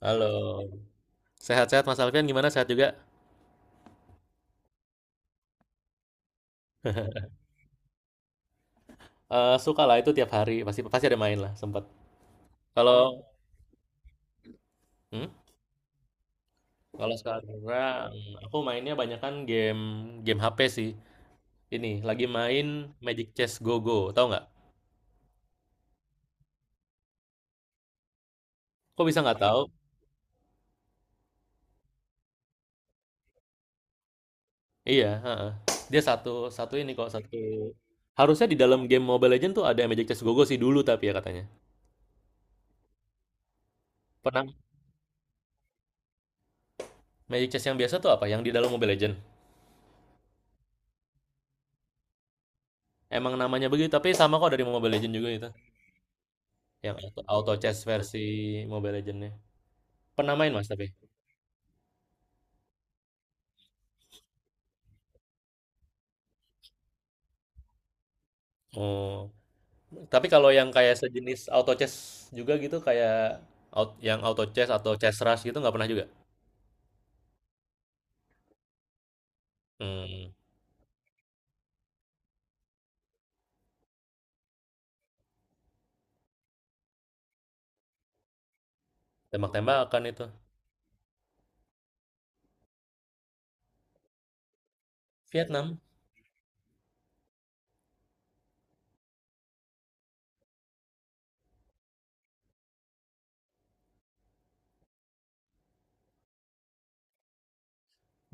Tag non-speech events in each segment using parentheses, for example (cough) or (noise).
Halo, sehat-sehat Mas Alfian gimana? Sehat juga? Eh suka lah itu tiap hari pasti pasti ada main lah sempat. Kalau hmm? Kalau sekarang aku mainnya banyak kan game game HP sih. Ini lagi main Magic Chess Go Go, tahu nggak? Kok bisa nggak tahu? Iya, heeh. Dia satu satu ini kok satu. Harusnya di dalam game Mobile Legend tuh ada Magic Chess Go Go sih dulu tapi ya katanya. Pernah Magic Chess yang biasa tuh apa? Yang di dalam Mobile Legend. Emang namanya begitu tapi sama kok dari Mobile Legend juga itu. Yang auto chess versi Mobile Legend. Pernah main Mas tapi? Oh, tapi kalau yang kayak sejenis auto chess juga gitu kayak out, yang auto chess atau chess rush gitu nggak pernah juga? Hmm, Tembak-tembakan itu. Vietnam,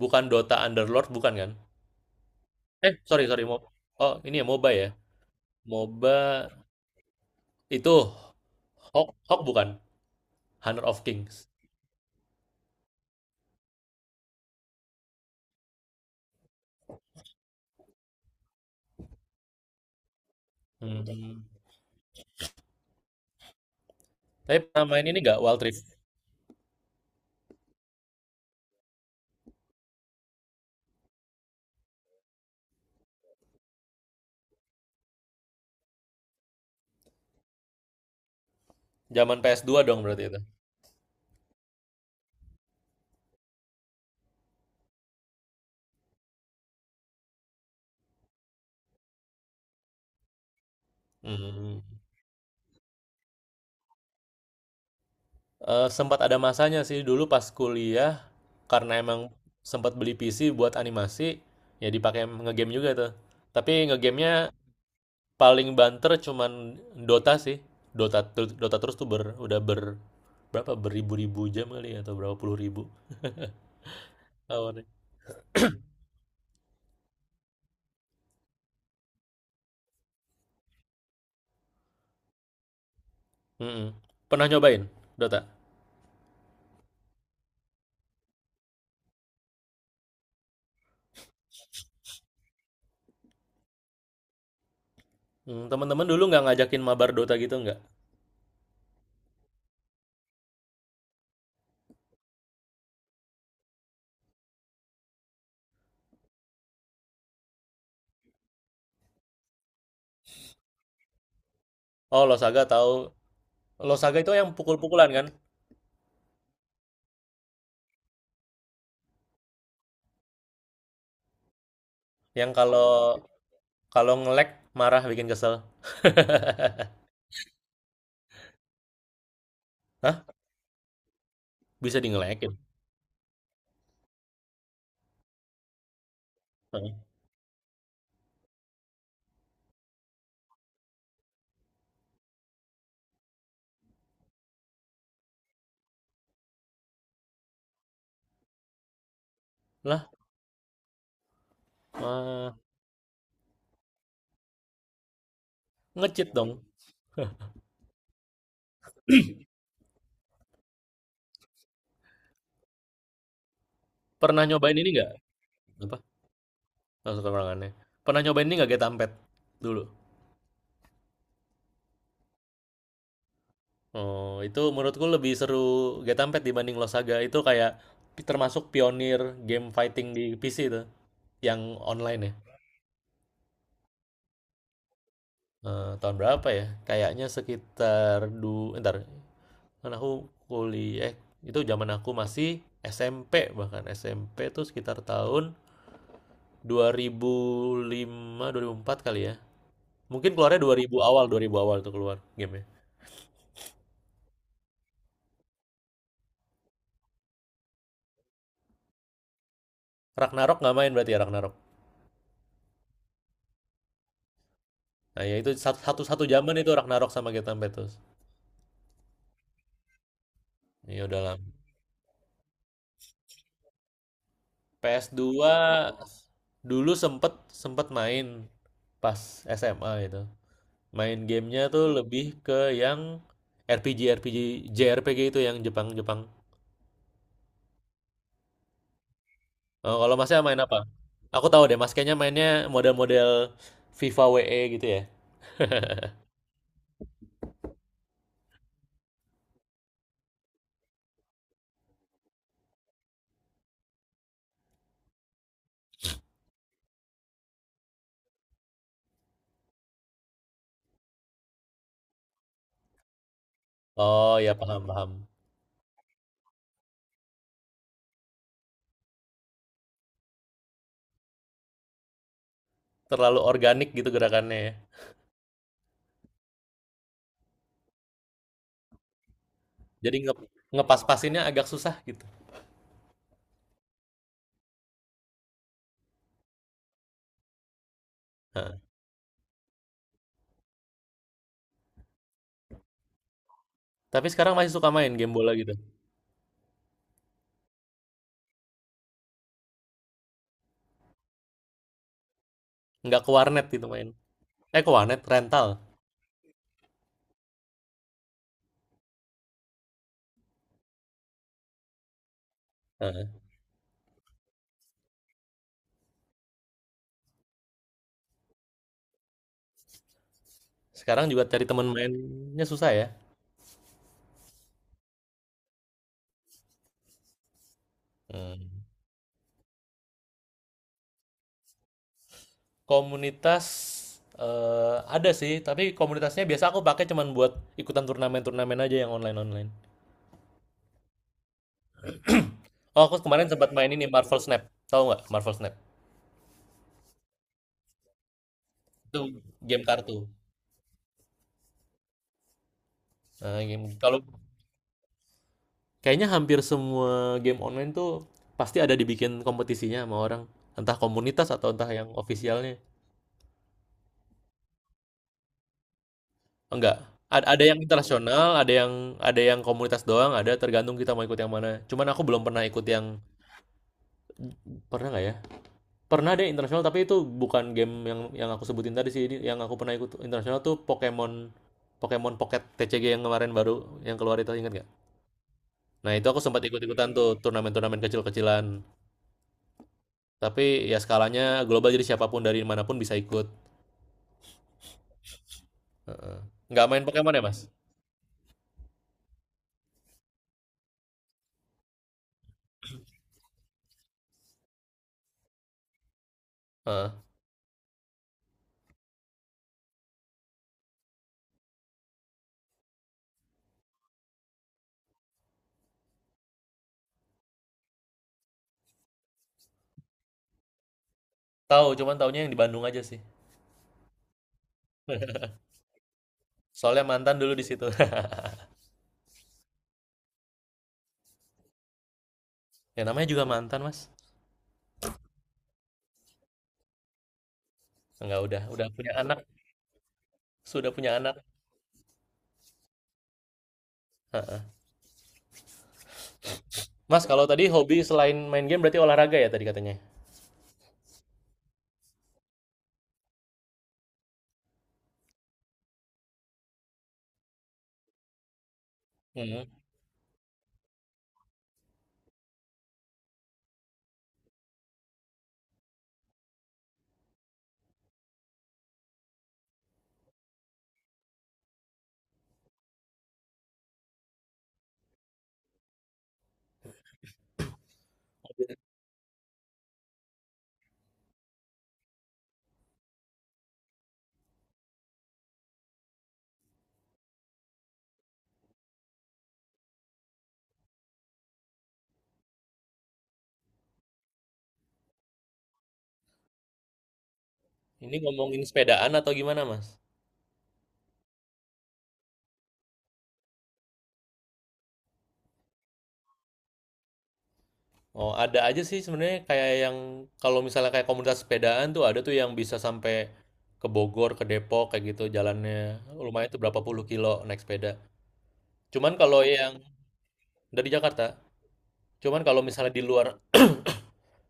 bukan Dota Underlord bukan kan? Eh, sorry sorry Mo- Oh, ini ya. MOBA itu Hawk bukan? Hunter of Kings. Hmm. Tapi pernah main ini nggak Wild Rift? Zaman PS2 dong berarti itu. Hmm. Sempat ada masanya sih dulu pas kuliah karena emang sempat beli PC buat animasi ya dipakai ngegame juga tuh. Tapi ngegamenya paling banter cuman Dota sih. Dota terus tuh udah berapa beribu-ribu jam kali ya, atau berapa puluh ribu lawannya. Mm-mm. Pernah nyobain Dota? Teman-teman dulu nggak ngajakin mabar Dota gitu nggak? Oh, Losaga tahu. Losaga itu yang pukul-pukulan kan? Yang kalau kalau nge-lag marah bikin kesel. (laughs) Bisa di ngelekin, heeh. Lah, eee, nge-cheat dong. Pernah nyobain ini nggak, apa, langsung ke ruangannya. Pernah nyobain ini nggak, Getampet dulu? Oh, itu menurutku lebih seru Getampet dibanding Lost Saga. Itu kayak termasuk pionir game fighting di PC itu, yang online ya. Tahun berapa ya? Kayaknya sekitar entar, kan aku kuliah eh, itu zaman aku masih SMP bahkan, SMP itu sekitar tahun 2005, 2004 kali ya. Mungkin keluarnya 2000 awal tuh keluar gamenya. Ragnarok nggak main berarti ya Ragnarok. Nah ya itu satu, satu, satu zaman itu Ragnarok sama Get Beatles. Iya udah lama. PS dua dulu sempet sempet main pas SMA itu. Main gamenya tuh lebih ke yang RPG RPG JRPG itu yang Jepang Jepang. Oh, kalau masnya main apa? Aku tahu deh, Mas kayaknya mainnya model-model FIFA WE gitu ya. Oh ya paham paham. Terlalu organik gitu gerakannya ya. Jadi ngepas-pasinnya agak susah gitu. Heeh. Tapi sekarang masih suka main game bola gitu. Nggak ke warnet gitu main. Eh ke warnet, rental. Heeh. Sekarang juga cari teman mainnya susah ya. Hmm. Komunitas ada sih, tapi komunitasnya biasa aku pakai cuman buat ikutan turnamen-turnamen aja yang online-online. Oh, aku kemarin sempat main ini Marvel Snap. Tahu nggak Marvel Snap? Itu game kartu. Nah, game kalau kayaknya hampir semua game online tuh pasti ada dibikin kompetisinya sama orang. Entah komunitas atau entah yang ofisialnya. Enggak. Ada yang internasional, ada yang komunitas doang, ada tergantung kita mau ikut yang mana. Cuman aku belum pernah ikut yang pernah nggak ya? Pernah deh internasional, tapi itu bukan game yang aku sebutin tadi sih. Ini yang aku pernah ikut internasional tuh Pokemon Pokemon Pocket TCG yang kemarin baru yang keluar itu ingat nggak? Nah itu aku sempat ikut-ikutan tuh turnamen-turnamen kecil-kecilan. Tapi ya skalanya global jadi siapapun dari manapun bisa ikut. Heeh. Nggak main Pokemon ya, Mas? Heeh. Tahu, cuman taunya yang di Bandung aja sih. Soalnya mantan dulu di situ. (laughs) Ya namanya juga mantan, Mas. Enggak udah punya anak, sudah punya anak. Heeh. Mas, kalau tadi hobi selain main game berarti olahraga ya tadi katanya? Hmm. Ini ngomongin sepedaan atau gimana, Mas? Oh, ada aja sih sebenarnya kayak yang kalau misalnya kayak komunitas sepedaan tuh ada tuh yang bisa sampai ke Bogor, ke Depok kayak gitu jalannya. Lumayan tuh berapa puluh kilo naik sepeda. Cuman kalau yang dari Jakarta, cuman kalau misalnya di luar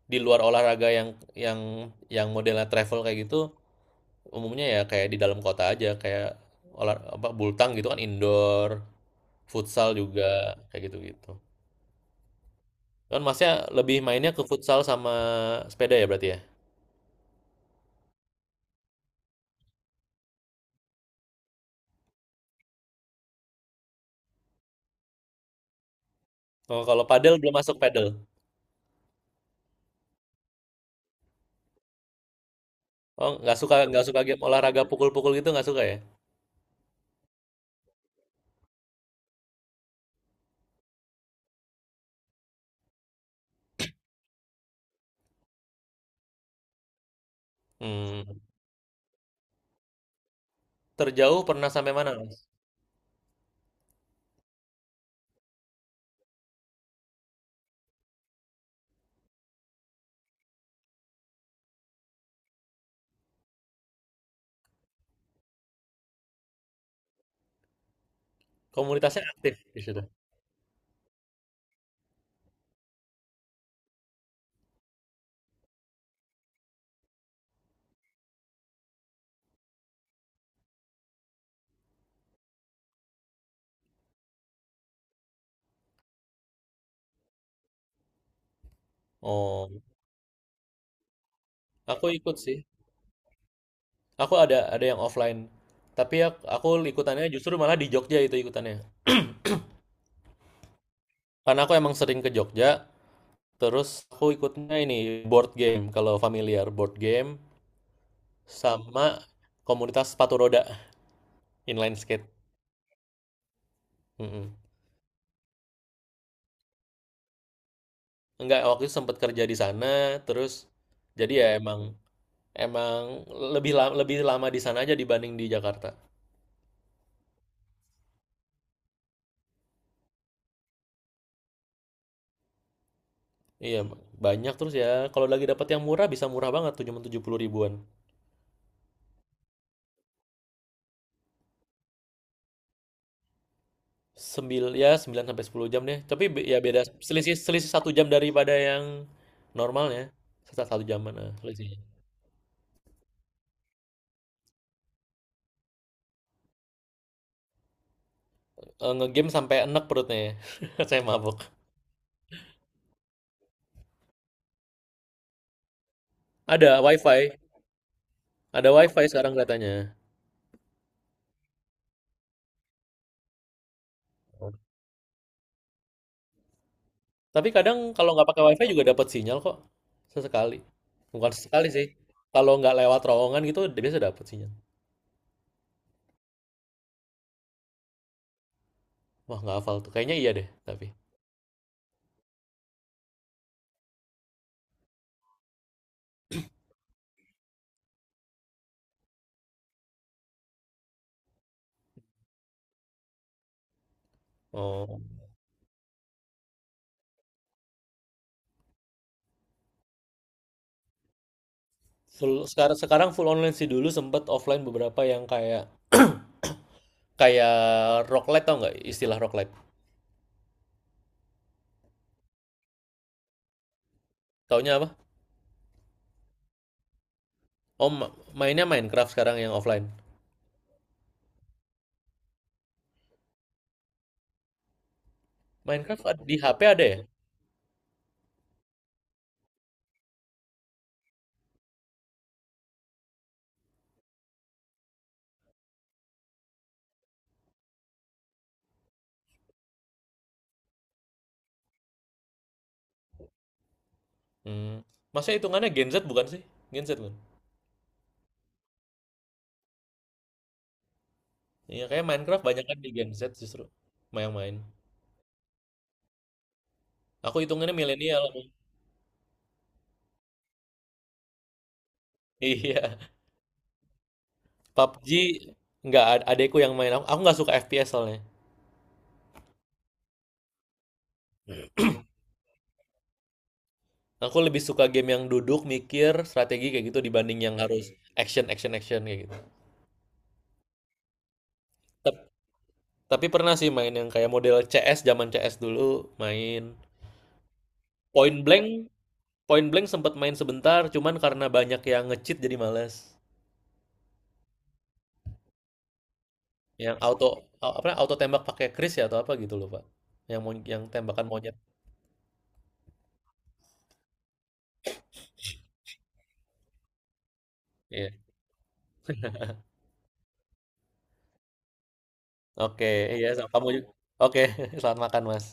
di luar olahraga yang yang modelnya travel kayak gitu, umumnya ya kayak di dalam kota aja kayak apa bultang gitu kan indoor, futsal juga kayak gitu-gitu. Kan masnya lebih mainnya ke futsal sama sepeda ya berarti ya? Oh, kalau padel belum masuk padel. Oh, nggak suka game olahraga pukul-pukul gitu nggak suka ya? Hmm. Terjauh pernah sampai mana, Mas? Komunitasnya aktif di situ. Oh, aku ikut sih. Aku ada yang offline. Tapi ya aku ikutannya justru malah di Jogja itu ikutannya. Karena aku emang sering ke Jogja, terus aku ikutnya ini board game kalau familiar board game sama komunitas sepatu roda inline skate. Mm-mm. Enggak, waktu itu sempat kerja di sana, terus jadi ya emang emang lebih lama di sana aja dibanding di Jakarta. Iya, banyak terus ya. Kalau lagi dapat yang murah bisa murah banget, cuma 70 ribuan. 9 sampai 10 jam deh. Tapi ya beda selisih selisih 1 jam daripada yang normalnya. Satu jaman nah, selisihnya. Eh, ngegame sampai enek perutnya ya. (laughs) Saya mabuk. Ada wifi, ada wifi sekarang kelihatannya. Tapi kadang kalau nggak pakai wifi juga dapat sinyal kok. Sesekali. Bukan sesekali sih. Kalau nggak lewat terowongan gitu biasa dapat sinyal. Wah nggak hafal tuh. Kayaknya iya deh tapi. Oh. Full, sekarang sekarang full online sih dulu sempet offline beberapa yang kayak Kayak roguelite tau nggak istilah roguelite? Taunya apa? Oh, mainnya Minecraft sekarang yang offline. Minecraft di HP ada ya? Hmm. Masa hitungannya Gen Z bukan sih? Gen Z kan? Iya, kayak Minecraft banyak kan di Gen Z justru. Yang main. Aku hitungannya milenial. Aku. (laughs) Iya. PUBG nggak, adekku yang main. Aku nggak suka FPS soalnya. Aku lebih suka game yang duduk, mikir, strategi kayak gitu dibanding yang harus action, action, action kayak gitu. Tep- Tapi pernah sih main yang kayak model CS, zaman CS dulu main. Point Blank Point Blank sempat main sebentar cuman karena banyak yang nge-cheat jadi males. Yang auto apa auto tembak pakai Chris ya atau apa gitu loh, Pak. Yang tembakan monyet. Iya. Oke, iya sama kamu juga. Oke, (laughs) selamat makan, Mas.